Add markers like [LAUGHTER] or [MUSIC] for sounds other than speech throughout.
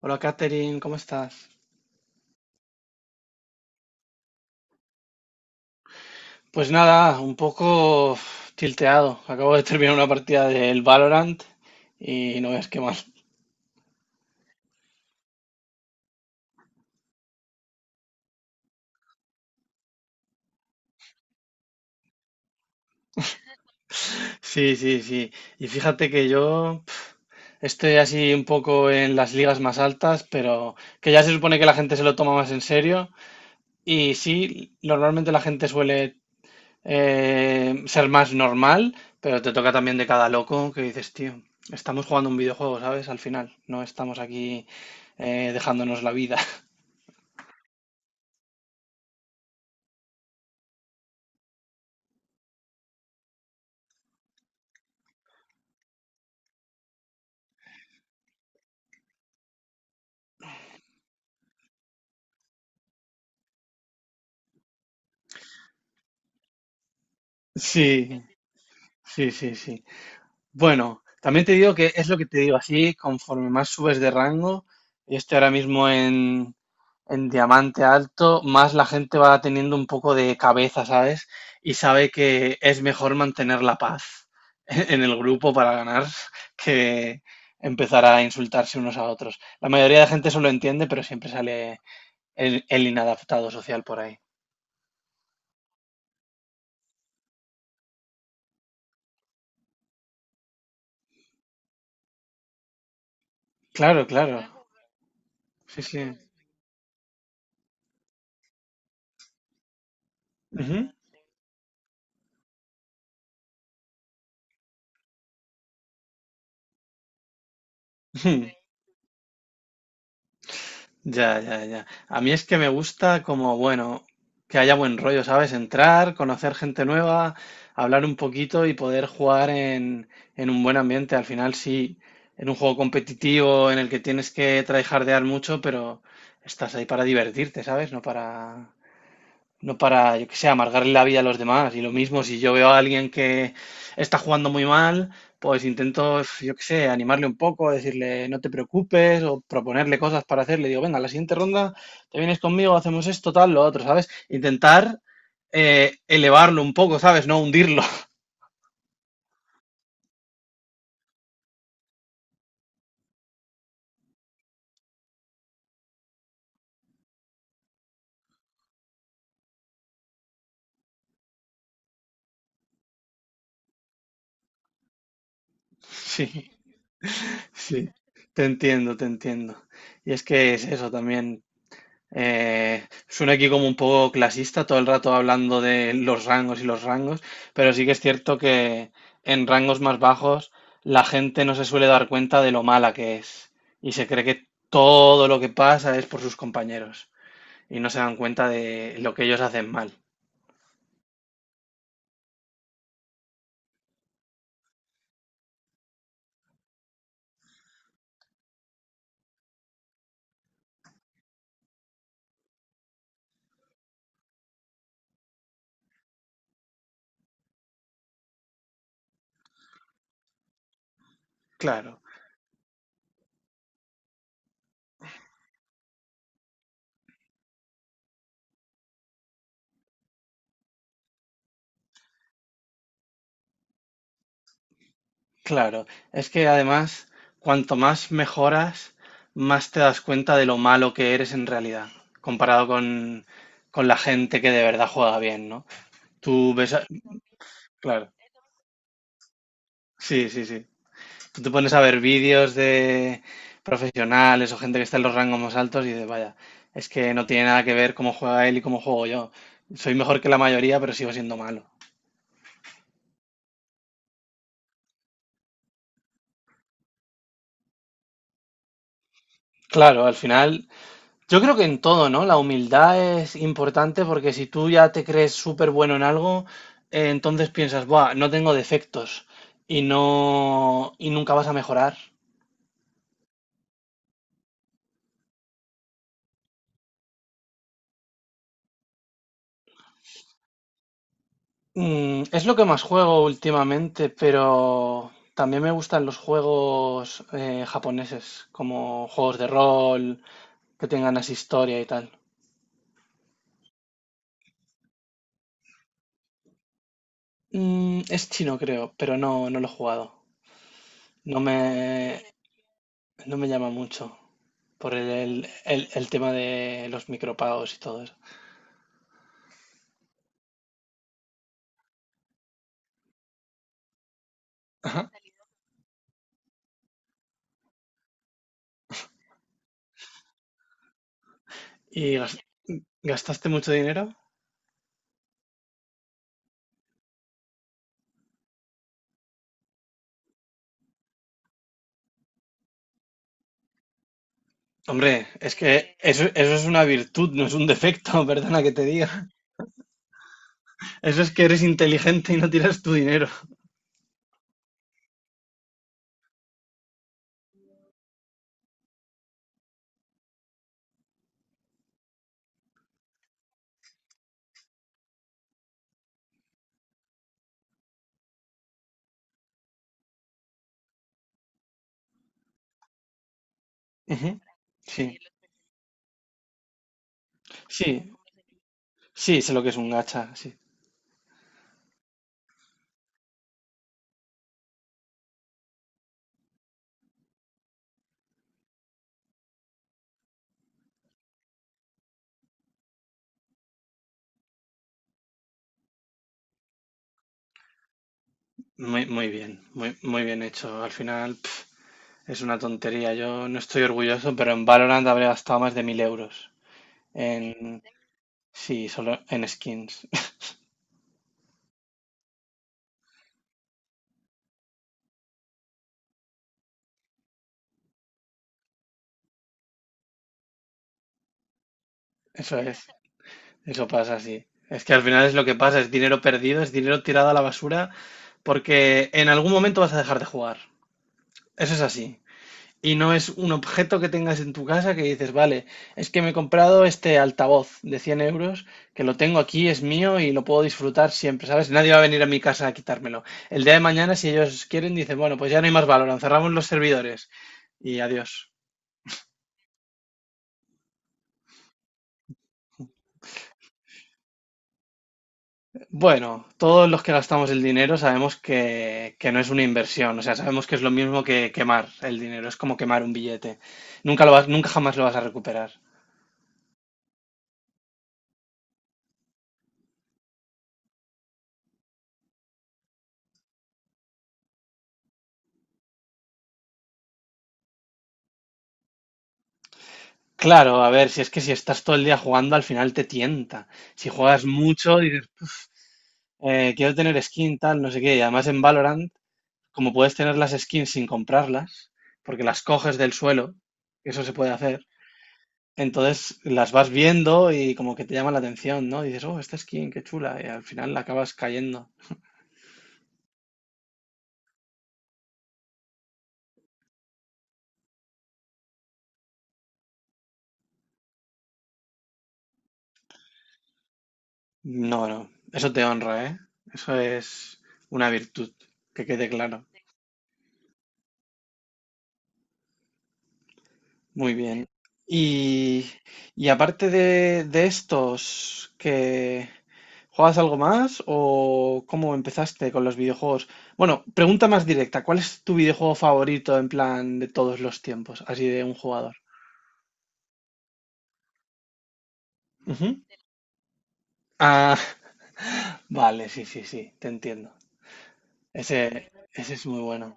Hola Katherine, ¿cómo estás? Pues nada, un poco tilteado. Acabo de terminar una partida del Valorant y no es que mal. [LAUGHS] Sí, sí, sí. Y fíjate que yo estoy así un poco en las ligas más altas, pero que ya se supone que la gente se lo toma más en serio. Y sí, normalmente la gente suele ser más normal, pero te toca también de cada loco que dices, tío, estamos jugando un videojuego, ¿sabes? Al final, no estamos aquí dejándonos la vida. Sí, sí, sí, sí. Bueno, también te digo que es lo que te digo, así conforme más subes de rango, yo estoy ahora mismo en diamante alto, más la gente va teniendo un poco de cabeza, ¿sabes? Y sabe que es mejor mantener la paz [LAUGHS] en el grupo para ganar [LAUGHS] que empezar a insultarse unos a otros. La mayoría de gente eso lo entiende, pero siempre sale el inadaptado social por ahí. Claro, claro. Sí, sí. Ujú. [LAUGHS] Ya, ya, ya. A mí es que me gusta como, bueno, que haya buen rollo, ¿sabes? Entrar, conocer gente nueva, hablar un poquito y poder jugar en un buen ambiente. Al final sí, en un juego competitivo en el que tienes que tryhardear mucho, pero estás ahí para divertirte, ¿sabes? No para... No para, yo que sé, amargarle la vida a los demás. Y lo mismo, si yo veo a alguien que está jugando muy mal, pues intento, yo que sé, animarle un poco, decirle no te preocupes o proponerle cosas para hacerle. Digo, venga, la siguiente ronda te vienes conmigo, hacemos esto, tal, lo otro, ¿sabes? Intentar elevarlo un poco, ¿sabes? No hundirlo. [LAUGHS] Sí, sí. Te entiendo, te entiendo. Y es que es eso también. Suena aquí como un poco clasista, todo el rato hablando de los rangos y los rangos, pero sí que es cierto que en rangos más bajos la gente no se suele dar cuenta de lo mala que es y se cree que todo lo que pasa es por sus compañeros y no se dan cuenta de lo que ellos hacen mal. Claro, claro. Es que además, cuanto más mejoras, más te das cuenta de lo malo que eres en realidad, comparado con la gente que de verdad juega bien, ¿no? Tú ves, claro, sí, sí, sí. Tú te pones a ver vídeos de profesionales o gente que está en los rangos más altos y dices, vaya, es que no tiene nada que ver cómo juega él y cómo juego yo. Soy mejor que la mayoría, pero sigo siendo malo. Claro, al final, yo creo que en todo, ¿no? La humildad es importante porque si tú ya te crees súper bueno en algo, entonces piensas, buah, no tengo defectos y no, y nunca vas a mejorar. Mm, es lo que más juego últimamente, pero también me gustan los juegos japoneses, como juegos de rol, que tengan así historia y tal. Mm, es chino, creo, pero no, no lo he jugado. No me, no me llama mucho por el tema de los micropagos y todo eso. Ajá. ¿Y gas- ¿Gastaste mucho dinero? Hombre, es que eso es una virtud, no es un defecto, [LAUGHS] perdona que te diga. Eso es que eres inteligente y no tiras tu dinero. Ujú. Sí, sí, sí, sé lo que es un gacha, sí. Muy, muy bien hecho. Al final, pf, es una tontería. Yo no estoy orgulloso, pero en Valorant habré gastado más de 1000 euros. En, sí, solo en skins. [LAUGHS] Eso es, eso pasa, sí. Es que al final es lo que pasa, es dinero perdido, es dinero tirado a la basura, porque en algún momento vas a dejar de jugar. Eso es así. Y no es un objeto que tengas en tu casa que dices, vale, es que me he comprado este altavoz de 100 euros, que lo tengo aquí, es mío y lo puedo disfrutar siempre, ¿sabes? Nadie va a venir a mi casa a quitármelo. El día de mañana, si ellos quieren, dicen, bueno, pues ya no hay más valor, cerramos los servidores y adiós. Bueno, todos los que gastamos el dinero sabemos que no es una inversión, o sea, sabemos que es lo mismo que quemar el dinero, es como quemar un billete. Nunca lo vas, nunca jamás lo vas a recuperar. Claro, a ver, si es que si estás todo el día jugando, al final te tienta. Si juegas mucho, dices, quiero tener skin, tal, no sé qué". Y además en Valorant, como puedes tener las skins sin comprarlas, porque las coges del suelo, eso se puede hacer, entonces las vas viendo y como que te llama la atención, ¿no? Dices, oh, esta skin, qué chula, y al final la acabas cayendo. No, no, eso te honra, ¿eh? Eso es una virtud, que quede claro. Muy bien. Y, y aparte de estos, ¿que juegas algo más o cómo empezaste con los videojuegos? Bueno, pregunta más directa, ¿cuál es tu videojuego favorito en plan de todos los tiempos, así de un jugador? Ujú. Ah, [LAUGHS] vale, sí, sí, sí, te entiendo. Ese es muy bueno.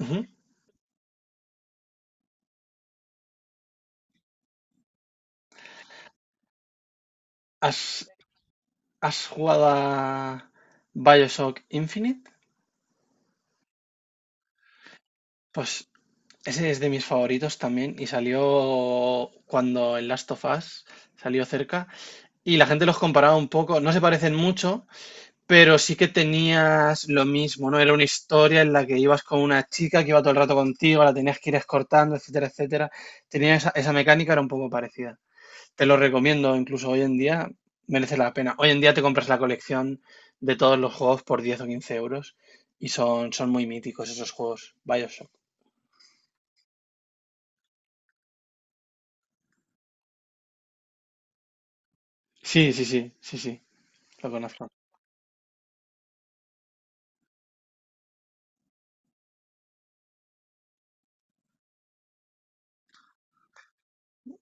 Ujú. ¿Has, has jugado a Bioshock Infinite? Pues ese es de mis favoritos también y salió cuando el Last of Us salió cerca y la gente los comparaba un poco, no se parecen mucho, pero sí que tenías lo mismo, ¿no? Era una historia en la que ibas con una chica que iba todo el rato contigo, la tenías que ir escortando, etcétera, etcétera. Tenía esa, esa mecánica, era un poco parecida. Te lo recomiendo, incluso hoy en día merece la pena. Hoy en día te compras la colección de todos los juegos por 10 o 15 euros y son, son muy míticos esos juegos. Bioshock. Sí, sí, sí, sí, sí. Lo conozco.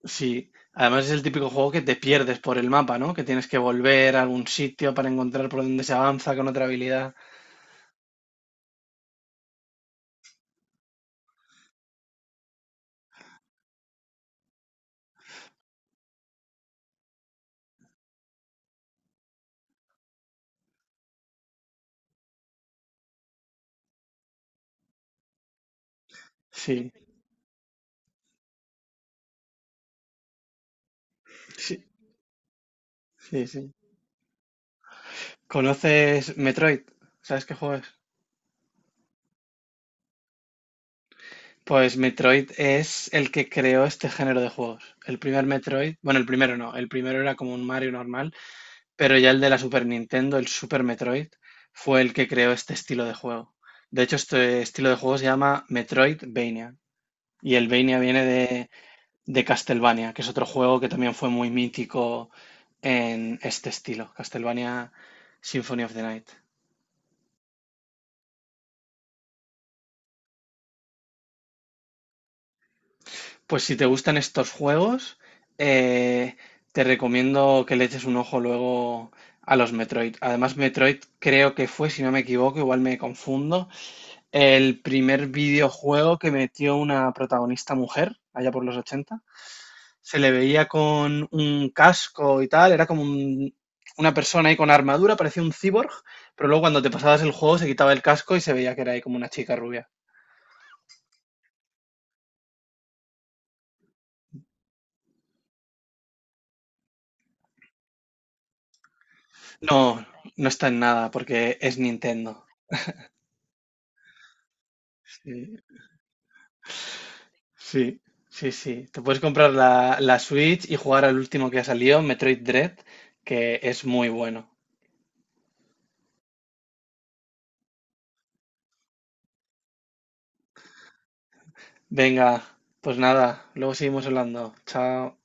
Sí, además es el típico juego que te pierdes por el mapa, ¿no? Que tienes que volver a algún sitio para encontrar por dónde se avanza con otra habilidad. Sí, sí, sí, sí. ¿Conoces Metroid? ¿Sabes qué juego es? Pues Metroid es el que creó este género de juegos. El primer Metroid, bueno, el primero no, el primero era como un Mario normal, pero ya el de la Super Nintendo, el Super Metroid, fue el que creó este estilo de juego. De hecho, este estilo de juego se llama Metroidvania. Y el Vania viene de Castlevania, que es otro juego que también fue muy mítico en este estilo, Castlevania Symphony of the Night. Pues si te gustan estos juegos, eh, te recomiendo que le eches un ojo luego a los Metroid. Además, Metroid creo que fue, si no me equivoco, igual me confundo, el primer videojuego que metió una protagonista mujer, allá por los 80. Se le veía con un casco y tal, era como un, una persona ahí con armadura, parecía un cyborg, pero luego cuando te pasabas el juego se quitaba el casco y se veía que era ahí como una chica rubia. No, no está en nada porque es Nintendo. Sí, sí, sí. Sí. Te puedes comprar la, la Switch y jugar al último que ha salido, Metroid Dread, que es muy bueno. Venga, pues nada, luego seguimos hablando. Chao.